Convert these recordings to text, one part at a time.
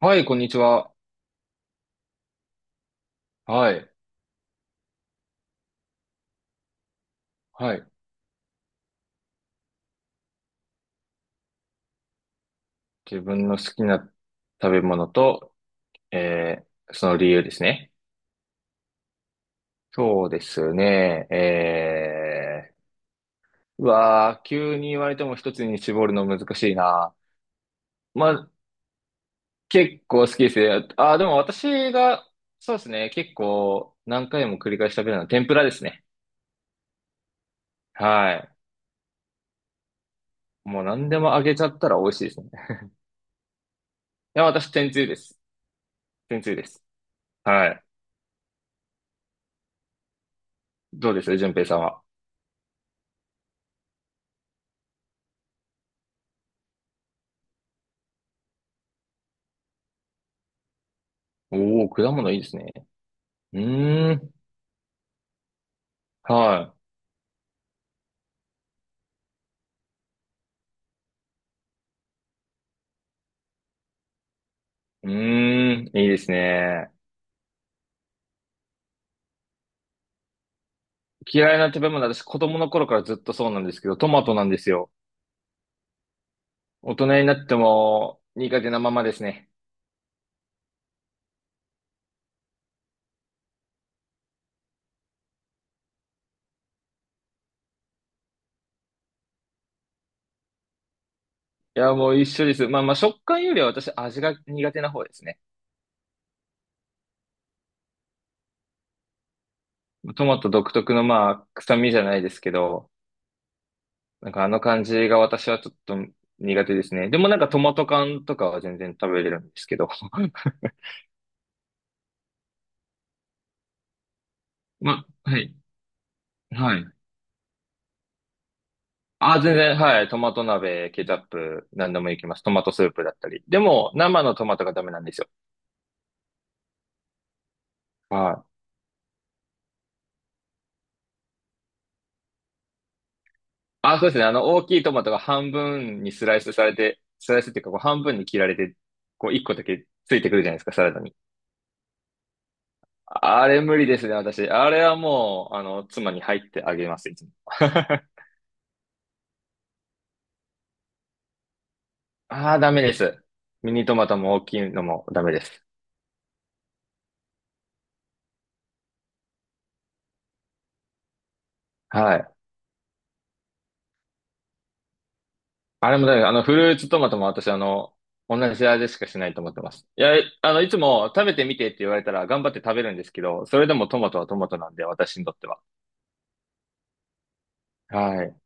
はい、こんにちは。はい。はい。自分の好きな食べ物と、その理由ですね。そうですね。うわー、急に言われても一つに絞るの難しいな。まあ、結構好きですね。あー、でも私が、そうですね。結構何回も繰り返し食べるのは天ぷらですね。はい。もう何でも揚げちゃったら美味しいですね。いや、私、天つゆです。天つゆです。はい。どうです順平さんは。おー、果物いいですね。うーん。はい。うーん。いいですね。嫌いな食べ物、私子供の頃からずっとそうなんですけど、トマトなんですよ。大人になっても苦手なままですね。いや、もう一緒です。まあまあ食感よりは私味が苦手な方ですね。トマト独特のまあ臭みじゃないですけど、なんかあの感じが私はちょっと苦手ですね。でもなんかトマト缶とかは全然食べれるんですけど。ま、はい。はい。あ、全然、はい。トマト鍋、ケチャップ、何でもいけます。トマトスープだったり。でも、生のトマトがダメなんですよ。はい。あ、そうですね。あの、大きいトマトが半分にスライスされて、スライスっていうか、こう半分に切られて、こう、一個だけついてくるじゃないですか、サラダに。あれ無理ですね、私。あれはもう、あの、妻に入ってあげます、いつも。ああ、ダメです。ミニトマトも大きいのもダメです。はい。あれもだよね、あの、フルーツトマトも私、あの、同じ味しかしないと思ってます。いや、あの、いつも食べてみてって言われたら頑張って食べるんですけど、それでもトマトはトマトなんで、私にとっては。はい。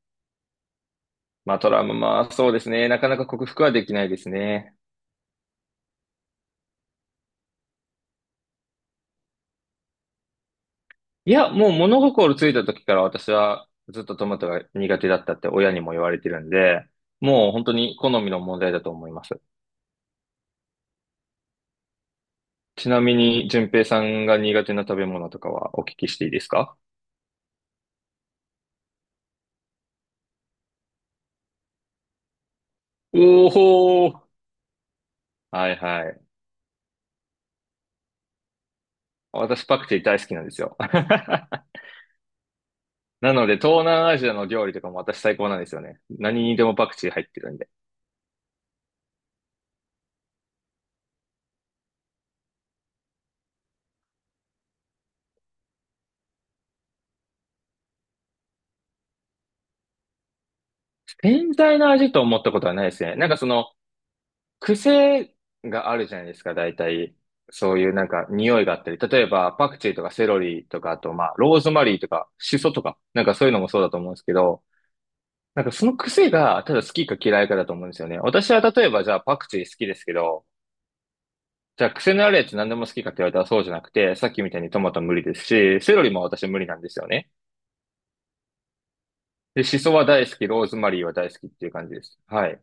まあ、トラウマ、まあ、そうですね。なかなか克服はできないですね。いや、もう物心ついた時から私はずっとトマトが苦手だったって親にも言われてるんで、もう本当に好みの問題だと思います。ちなみに、淳平さんが苦手な食べ物とかはお聞きしていいですか？おーほー。はいはい。私パクチー大好きなんですよ。なので、東南アジアの料理とかも私最高なんですよね。何にでもパクチー入ってるんで。全体の味と思ったことはないですね。なんかその、癖があるじゃないですか、大体。そういうなんか匂いがあったり。例えば、パクチーとかセロリとか、あとまあ、ローズマリーとか、シソとか、なんかそういうのもそうだと思うんですけど、なんかその癖が、ただ好きか嫌いかだと思うんですよね。私は例えばじゃあパクチー好きですけど、じゃあ、癖のあるやつ何でも好きかって言われたらそうじゃなくて、さっきみたいにトマト無理ですし、セロリも私無理なんですよね。で、シソは大好き、ローズマリーは大好きっていう感じです。はい。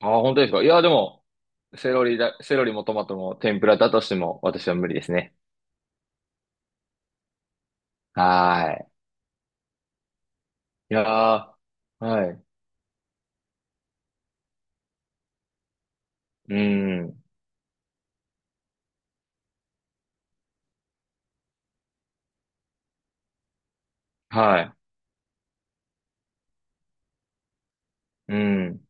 ああ、本当ですか。いや、でも、セロリもトマトも天ぷらだとしても私は無理ですね。はい。いやー、はい。うん。はい。うん。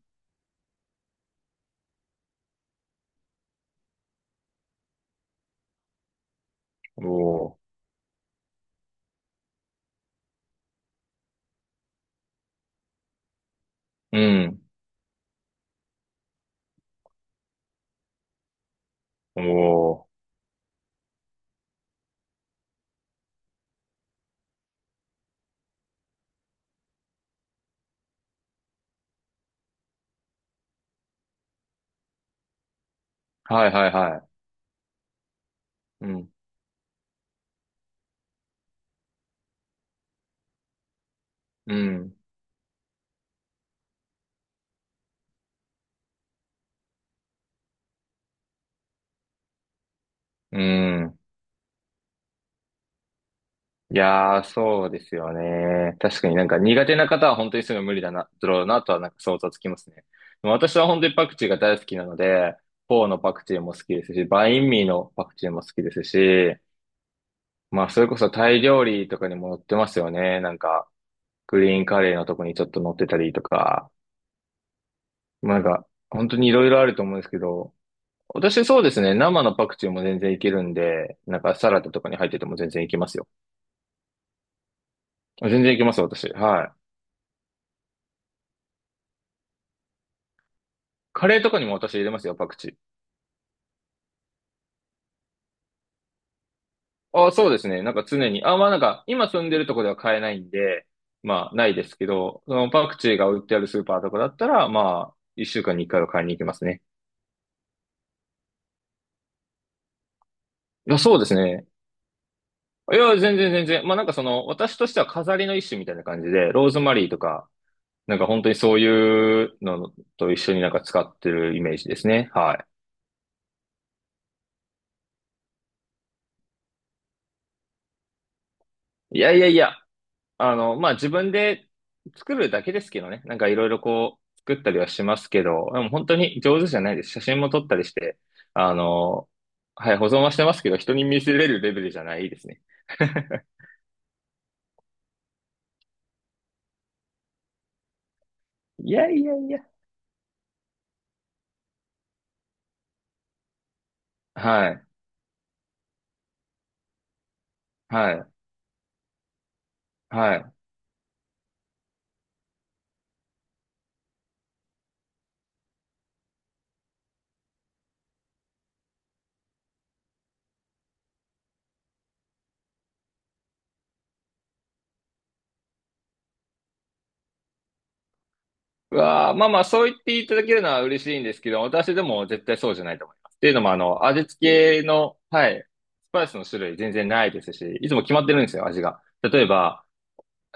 おー。うん。おー。はいはいはい。うん。うん。うん。いやー、そうですよね。確かになんか苦手な方は本当にすぐ無理だな、だろうなとはなんか想像つきますね。でも私は本当にパクチーが大好きなので、フォーのパクチーも好きですし、バインミーのパクチーも好きですし、まあそれこそタイ料理とかにも載ってますよね。なんか、グリーンカレーのとこにちょっと載ってたりとか、まあなんか、本当にいろいろあると思うんですけど、私そうですね、生のパクチーも全然いけるんで、なんかサラダとかに入ってても全然いけますよ。全然いけます、私。はい。カレーとかにも私入れますよ、パクチー。ああ、そうですね。なんか常に。あまあなんか、今住んでるとこでは買えないんで、まあないですけど、そのパクチーが売ってあるスーパーとかだったら、まあ、一週間に一回は買いに行きますね。いや、そうですね。いや、全然全然。まあなんかその、私としては飾りの一種みたいな感じで、ローズマリーとか、なんか本当にそういうのと一緒になんか使ってるイメージですね。はい。いやいやいや。あの、まあ、自分で作るだけですけどね。なんかいろいろこう、作ったりはしますけど、でも本当に上手じゃないです。写真も撮ったりして、あの、はい、保存はしてますけど、人に見せれるレベルじゃないですね。いやいやいや。はい、はい、はい。うわあ、まあまあ、そう言っていただけるのは嬉しいんですけど、私でも絶対そうじゃないと思います。っていうのも、あの、味付けの、はい、スパイスの種類全然ないですし、いつも決まってるんですよ、味が。例えば、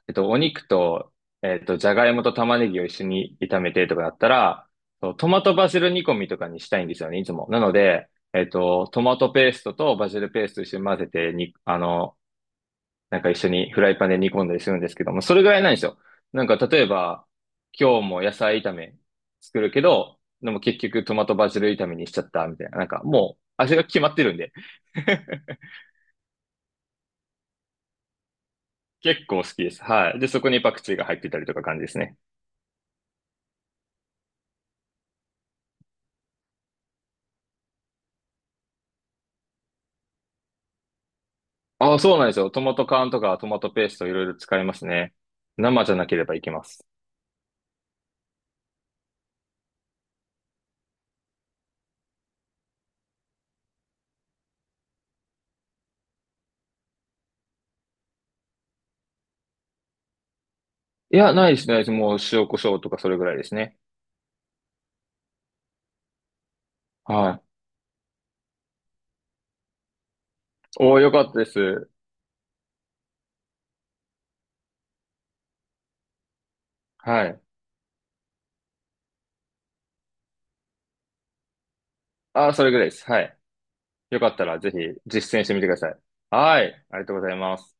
お肉と、じゃがいもと玉ねぎを一緒に炒めてとかだったら、そうトマトバジル煮込みとかにしたいんですよね、いつも。なので、トマトペーストとバジルペースト一緒に混ぜてに、あの、なんか一緒にフライパンで煮込んだりするんですけども、それぐらいなんですよ。なんか例えば、今日も野菜炒め作るけど、でも結局トマトバジル炒めにしちゃったみたいな。なんかもう味が決まってるんで。結構好きです。はい。で、そこにパクチーが入ってたりとか感じですね。ああ、そうなんですよ。トマト缶とかトマトペーストいろいろ使いますね。生じゃなければいけます。いや、ないですね。もう塩コショウとかそれぐらいですね。はい。おおよかったです。はい。ああ、それぐらいです。はい。よかったらぜひ実践してみてください。はい。ありがとうございます。